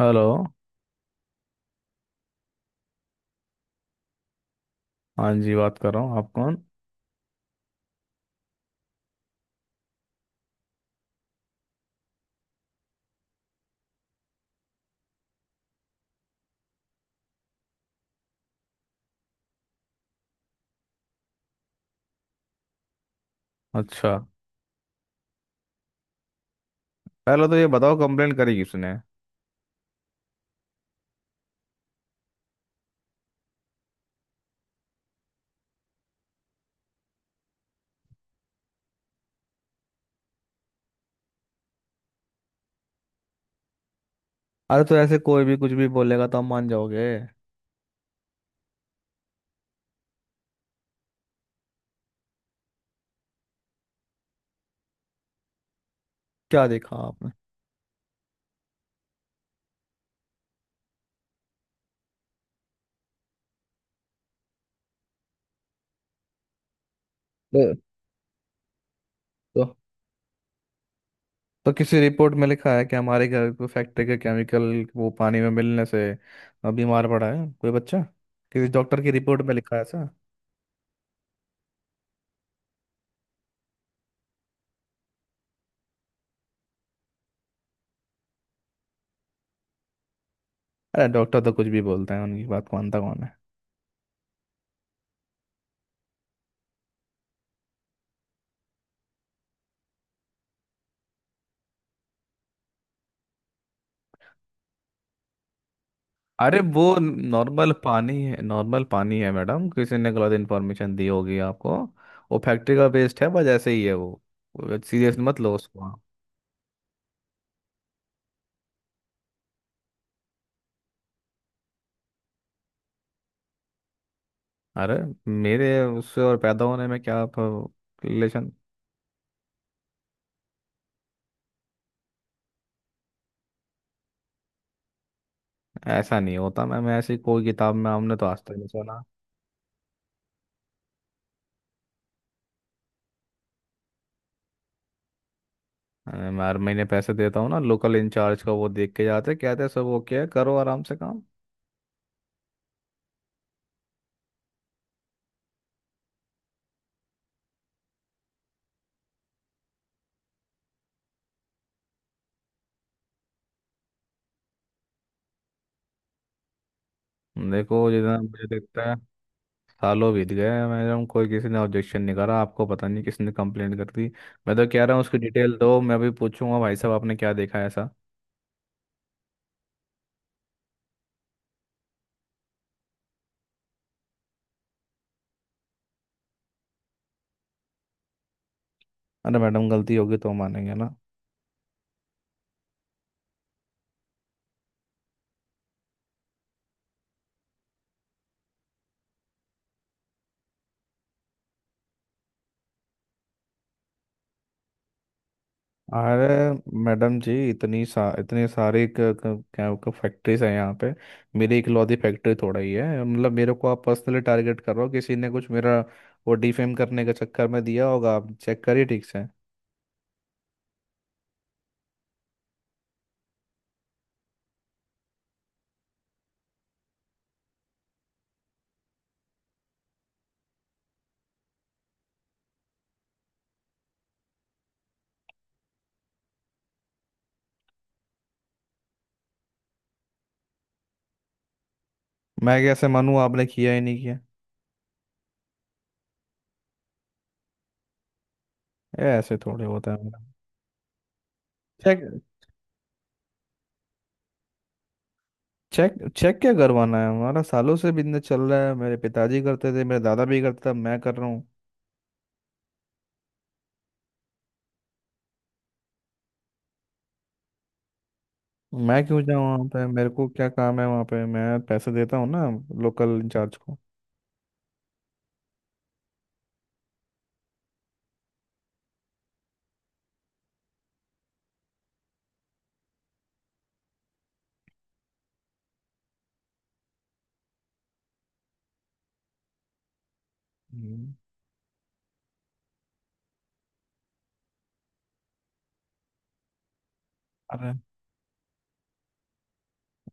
Hello. हाँ जी, बात कर रहा हूँ। आप कौन? अच्छा। पहले तो ये बताओ, कंप्लेंट करी किसने? अरे, तो ऐसे कोई भी कुछ भी बोलेगा तो आप मान जाओगे? क्या देखा आपने? तो तो तो किसी रिपोर्ट में लिखा है कि हमारे घर को फैक्ट्री के केमिकल वो पानी में मिलने से बीमार पड़ा है कोई बच्चा? किसी डॉक्टर की रिपोर्ट में लिखा है ऐसा? अरे डॉक्टर तो कुछ भी बोलते हैं, उनकी बात मानता कौन है? अरे वो नॉर्मल पानी है, नॉर्मल पानी है मैडम। किसी ने गलत इन्फॉर्मेशन दी होगी आपको। वो फैक्ट्री का वेस्ट है, बस ऐसे ही है वो। सीरियस मत लो उसको आप। अरे मेरे उससे और पैदा होने में क्या रिलेशन? ऐसा नहीं होता मैम। ऐसी कोई किताब में हमने तो आज तक नहीं सुना। मैं हर महीने पैसे देता हूँ ना, लोकल इंचार्ज का। वो देख के जाते कहते हैं, सब ओके है, करो आराम से काम। देखो जितना मुझे देखता है। सालों बीत गए मैडम, कोई किसी ने ऑब्जेक्शन नहीं करा। आपको पता नहीं किसने कंप्लेंट कर दी। मैं तो कह रहा हूँ उसकी डिटेल दो, मैं अभी पूछूंगा भाई साहब आपने क्या देखा है ऐसा। अरे मैडम, गलती होगी तो मानेंगे ना। अरे मैडम जी, इतनी सारी क, क, क्या फैक्ट्रीज हैं यहाँ पे। मेरी इकलौती फैक्ट्री थोड़ा ही है, मतलब मेरे को आप पर्सनली टारगेट कर रहे हो। किसी ने कुछ मेरा वो डिफेम करने के चक्कर में दिया होगा, आप चेक करिए ठीक से। मैं कैसे मानूँ, आपने किया ही नहीं किया। ये ऐसे थोड़े होता है मैडम। चेक चेक चेक क्या करवाना है? हमारा सालों से बिजनेस चल रहा है, मेरे पिताजी करते थे, मेरा दादा भी करता था, मैं कर रहा हूँ। मैं क्यों जाऊँ वहाँ पे? मेरे को क्या काम है वहाँ पे? मैं पैसे देता हूँ ना लोकल इंचार्ज को। हम्म। अरे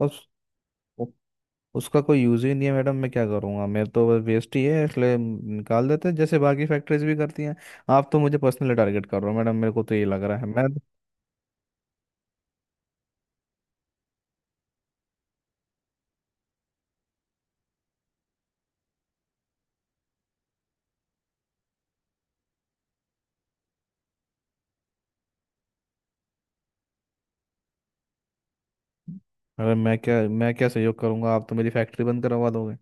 उस उ- उसका कोई यूज ही नहीं है मैडम। मैं क्या करूँगा? मेरे तो बस वेस्ट ही है, इसलिए निकाल देते हैं, जैसे बाकी फैक्ट्रीज भी करती हैं। आप तो मुझे पर्सनली टारगेट कर रहे हो मैडम, मेरे को तो ये लग रहा है मैं। अरे मैं क्या सहयोग करूँगा? आप तो मेरी फैक्ट्री बंद करवा दोगे।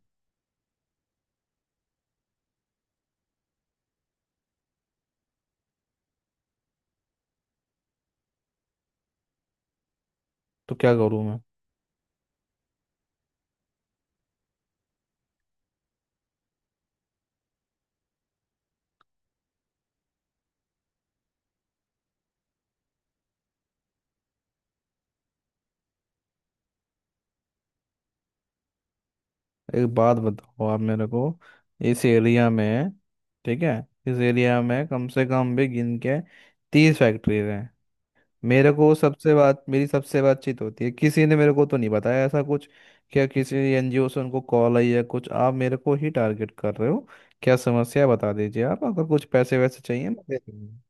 तो क्या करूँ मैं? एक बात बताओ आप मेरे को, इस एरिया में, ठीक है, इस एरिया में कम से कम भी गिन के 30 फैक्ट्रीज हैं। मेरे को सबसे बात, मेरी सबसे बातचीत होती है, किसी ने मेरे को तो नहीं बताया ऐसा कुछ। क्या किसी एनजीओ से उनको कॉल आई है कुछ? आप मेरे को ही टारगेट कर रहे हो। क्या समस्या है बता दीजिए, आप अगर कुछ पैसे वैसे चाहिए मैं दे दूंगा।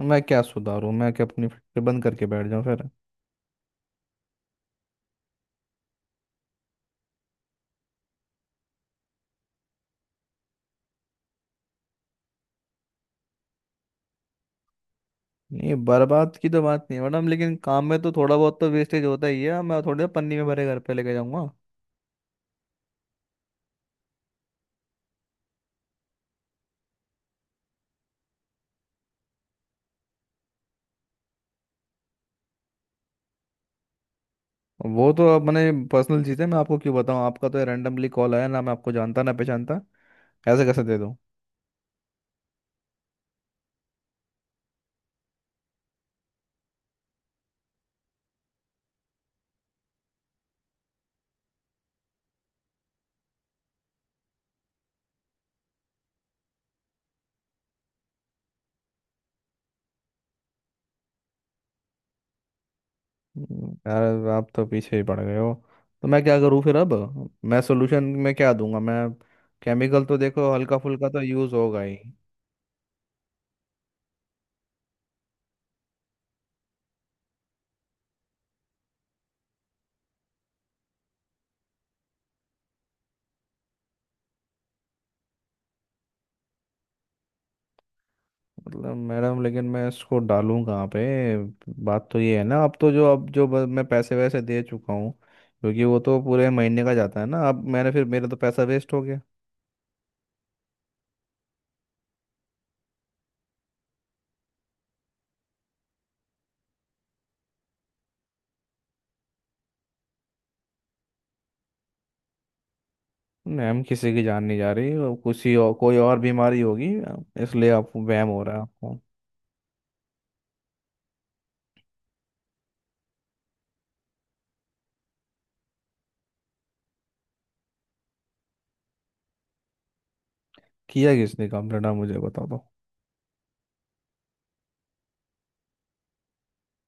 मैं क्या सुधारूं? मैं क्या अपनी फैक्ट्री बंद करके बैठ जाऊं फिर? नहीं, बर्बाद की तो बात नहीं है मैडम, लेकिन काम में तो थोड़ा बहुत तो वेस्टेज होता ही है। मैं थोड़े पन्नी में भरे घर पे लेके जाऊंगा। वो तो अपने पर्सनल चीज़ है, मैं आपको क्यों बताऊं? आपका तो रैंडमली कॉल आया ना, मैं आपको जानता ना पहचानता, ऐसे कैसे दे दूं? यार आप तो पीछे ही पड़ गए हो। तो मैं क्या करूं फिर अब? मैं सोल्यूशन में क्या दूंगा मैं? केमिकल तो देखो हल्का फुल्का तो यूज़ होगा ही। मतलब मैडम, लेकिन मैं इसको डालूं कहाँ पे? बात तो ये है ना, अब तो जो अब जो ब- मैं पैसे वैसे दे चुका हूँ, क्योंकि वो तो पूरे महीने का जाता है ना। अब मैंने फिर मेरा तो पैसा वेस्ट हो गया। मैम, किसी की जान नहीं जा रही, वो किसी और, कोई और बीमारी होगी, इसलिए आपको वहम हो रहा है आपको। किया किसने कंप्लेंट? आप मुझे बता दो।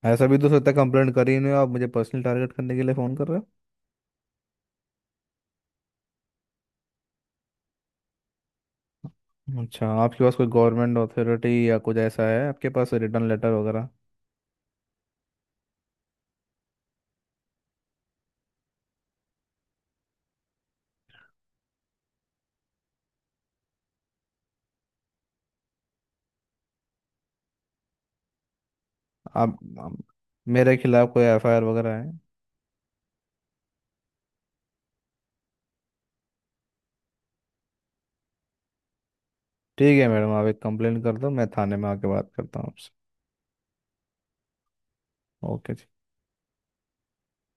ऐसा भी तो हो सकता है कंप्लेंट कर ही नहीं हो, आप मुझे पर्सनल टारगेट करने के लिए फ़ोन कर रहे हो। अच्छा, आपके पास कोई गवर्नमेंट अथॉरिटी या कुछ ऐसा है? आपके पास रिटर्न लेटर वगैरह? आप आप- मेरे खिलाफ कोई एफआईआर वगैरह है? ठीक है मैडम, आप एक कंप्लेंट कर दो, मैं थाने में आके बात करता हूँ आपसे। ओके जी।